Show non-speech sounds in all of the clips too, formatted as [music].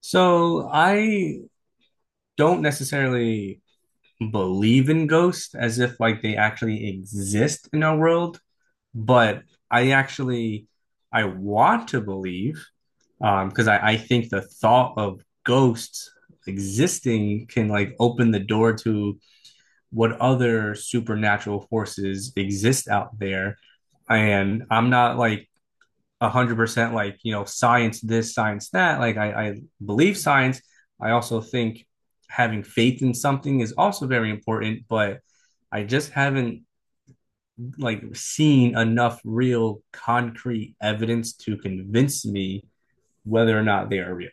So I don't necessarily believe in ghosts as if like they actually exist in our world, but I actually, I want to believe because I think the thought of ghosts existing can like open the door to what other supernatural forces exist out there. And I'm not like 100% like, science this, science that. Like, I believe science. I also think having faith in something is also very important, but I just haven't like seen enough real concrete evidence to convince me whether or not they are real.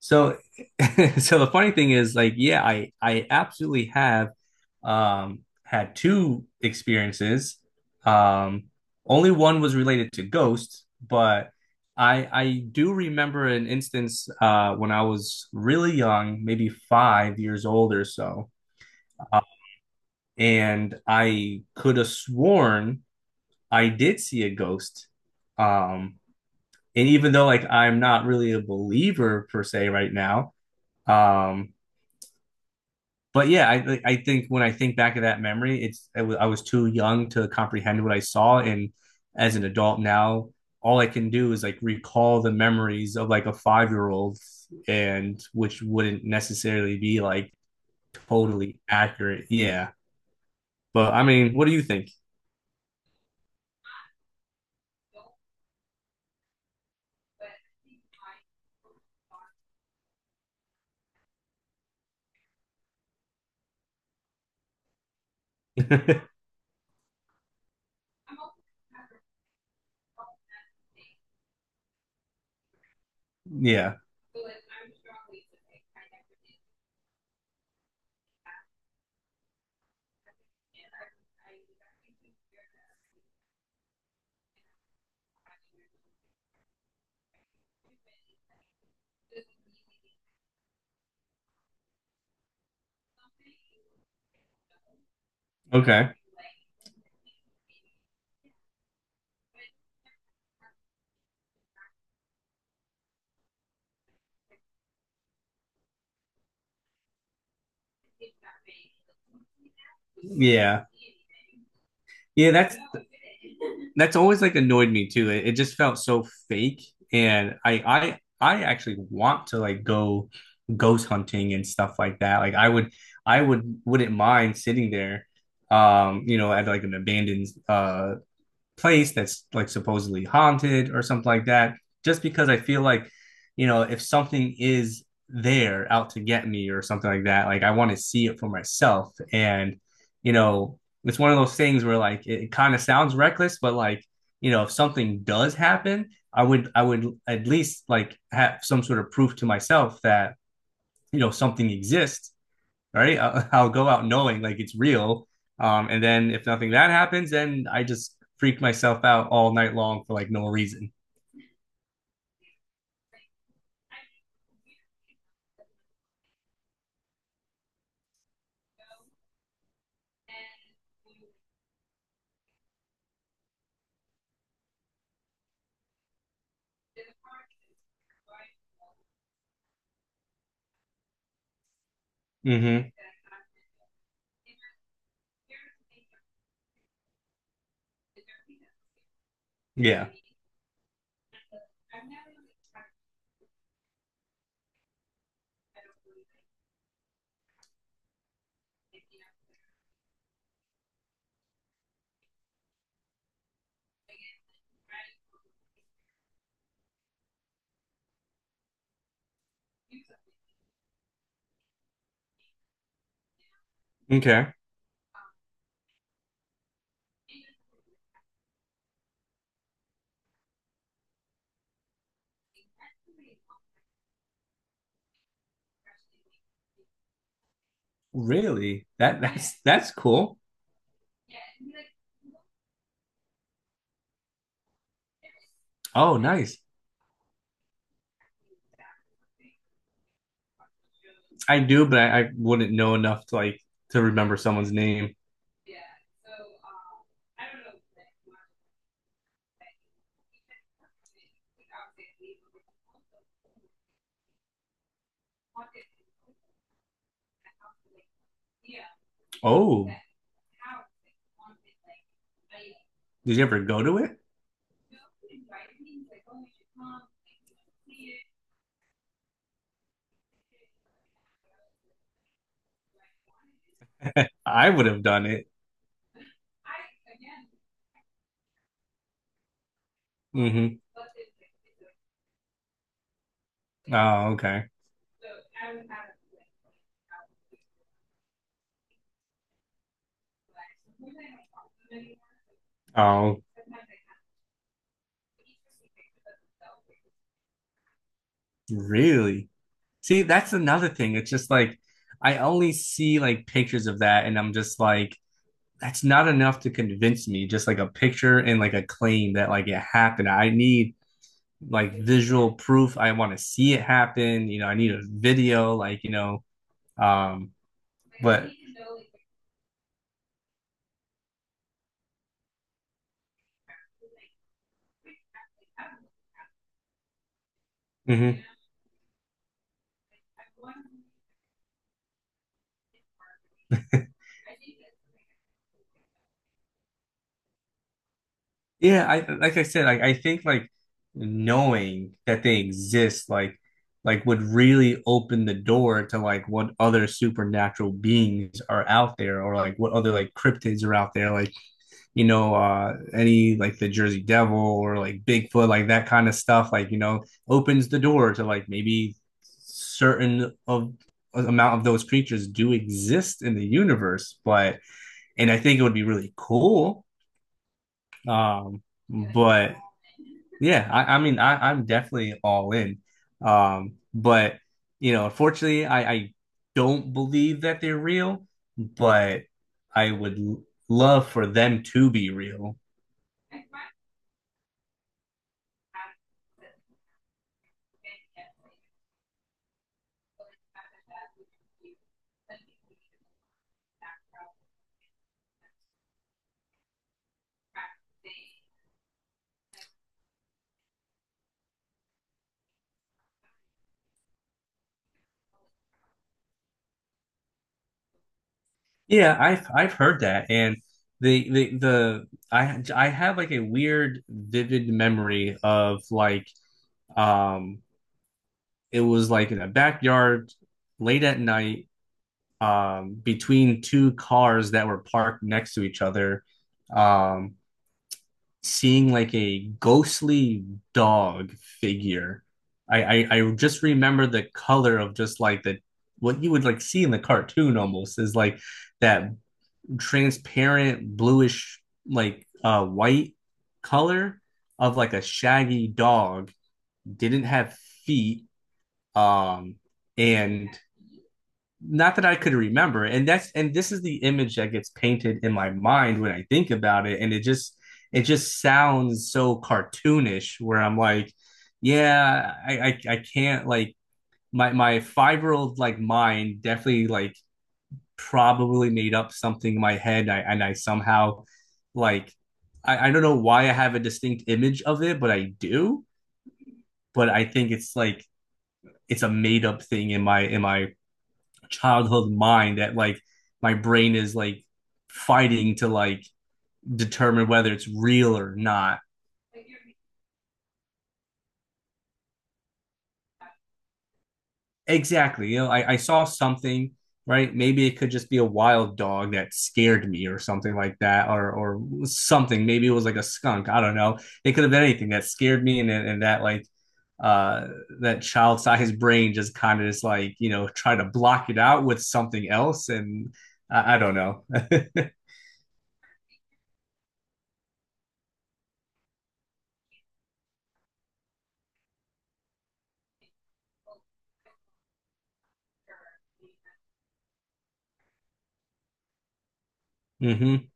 So [laughs] so the funny thing is like yeah, I absolutely have had two experiences. Um, only one was related to ghosts, but I do remember an instance when I was really young, maybe 5 years old or so, uh, and I could have sworn I did see a ghost. Um, and even though like I'm not really a believer per se right now, um, but yeah, I like, I think when I think back of that memory, it's I was too young to comprehend what I saw, and as an adult now, all I can do is like recall the memories of like a 5-year old, and which wouldn't necessarily be like totally accurate. Yeah, but I mean, what do you think? [laughs] Yeah. Okay. Yeah. Yeah, that's always like annoyed me too. It just felt so fake, and I actually want to like go ghost hunting and stuff like that. Like I wouldn't mind sitting there, you know, at like an abandoned place that's like supposedly haunted or something like that just because I feel like, if something is there out to get me or something like that, like I want to see it for myself. And, you know it's one of those things where like it kind of sounds reckless, but like, if something does happen, I would at least like have some sort of proof to myself that, something exists, right? I'll, [laughs] I'll go out knowing like it's real. And then if nothing that happens, then I just freak myself out all night long for like no reason. Mm-hmm. Yeah. Okay. Really? That [laughs] that's cool. Oh, nice. I do, but I wouldn't know enough to like to remember someone's name. Oh, did you ever go to it? I would have done it. Mm-hmm. Oh, okay. Oh, really? See, that's another thing. It's just like I only see like pictures of that, and I'm just like, that's not enough to convince me, just like a picture and like a claim that like it happened. I need like visual proof. I want to see it happen. I need a video, like, um but. Mhm. [laughs] Yeah, I like I said, like I think, like knowing that they exist, like would really open the door to like what other supernatural beings are out there or like what other like cryptids are out there, like, you know, any like the Jersey Devil or like Bigfoot, like that kind of stuff, like, you know, opens the door to like maybe certain of amount of those creatures do exist in the universe. But, and I think it would be really cool. Um, but yeah, I mean, I'm definitely all in. But, you know, unfortunately, I don't believe that they're real, but I would love for them to be real. Yeah, I've heard that, and the I have like a weird vivid memory of like um it was like in a backyard late at night, between two cars that were parked next to each other, um seeing like a ghostly dog figure. I just remember the color of just like the what you would like see in the cartoon, almost is like that transparent bluish like white color of like a shaggy dog, didn't have feet, um and not that I could remember. And that's, and this is the image that gets painted in my mind when I think about it, and it just sounds so cartoonish where I'm like, yeah, I can't like my 5-year old like mind definitely like probably made up something in my head, and I somehow, like, I don't know why I have a distinct image of it, but I do. But I think it's like it's a made up thing in my childhood mind that like my brain is like fighting to like determine whether it's real or not. Exactly. You know, I saw something, right? Maybe it could just be a wild dog that scared me or something like that, or something. Maybe it was like a skunk. I don't know. It could have been anything that scared me and that like uh that child sized [laughs] brain just kind of just like, you know, try to block it out with something else. And I don't know. Hmm.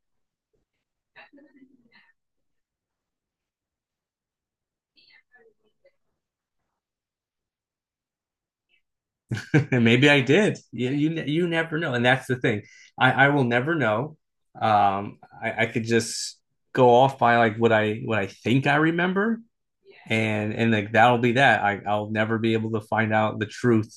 [laughs] And maybe I did. You never know, and that's the thing. I will never know. I could just go off by like what I think I remember, yeah, and like that'll be that. I'll never be able to find out the truth.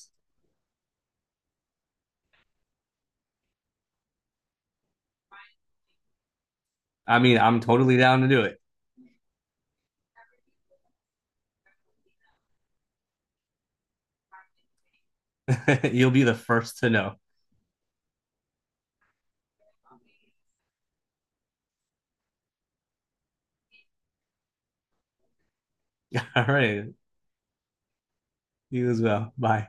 I mean, I'm totally down to do it. [laughs] You'll be the first to know. [laughs] All right, you as well. Bye.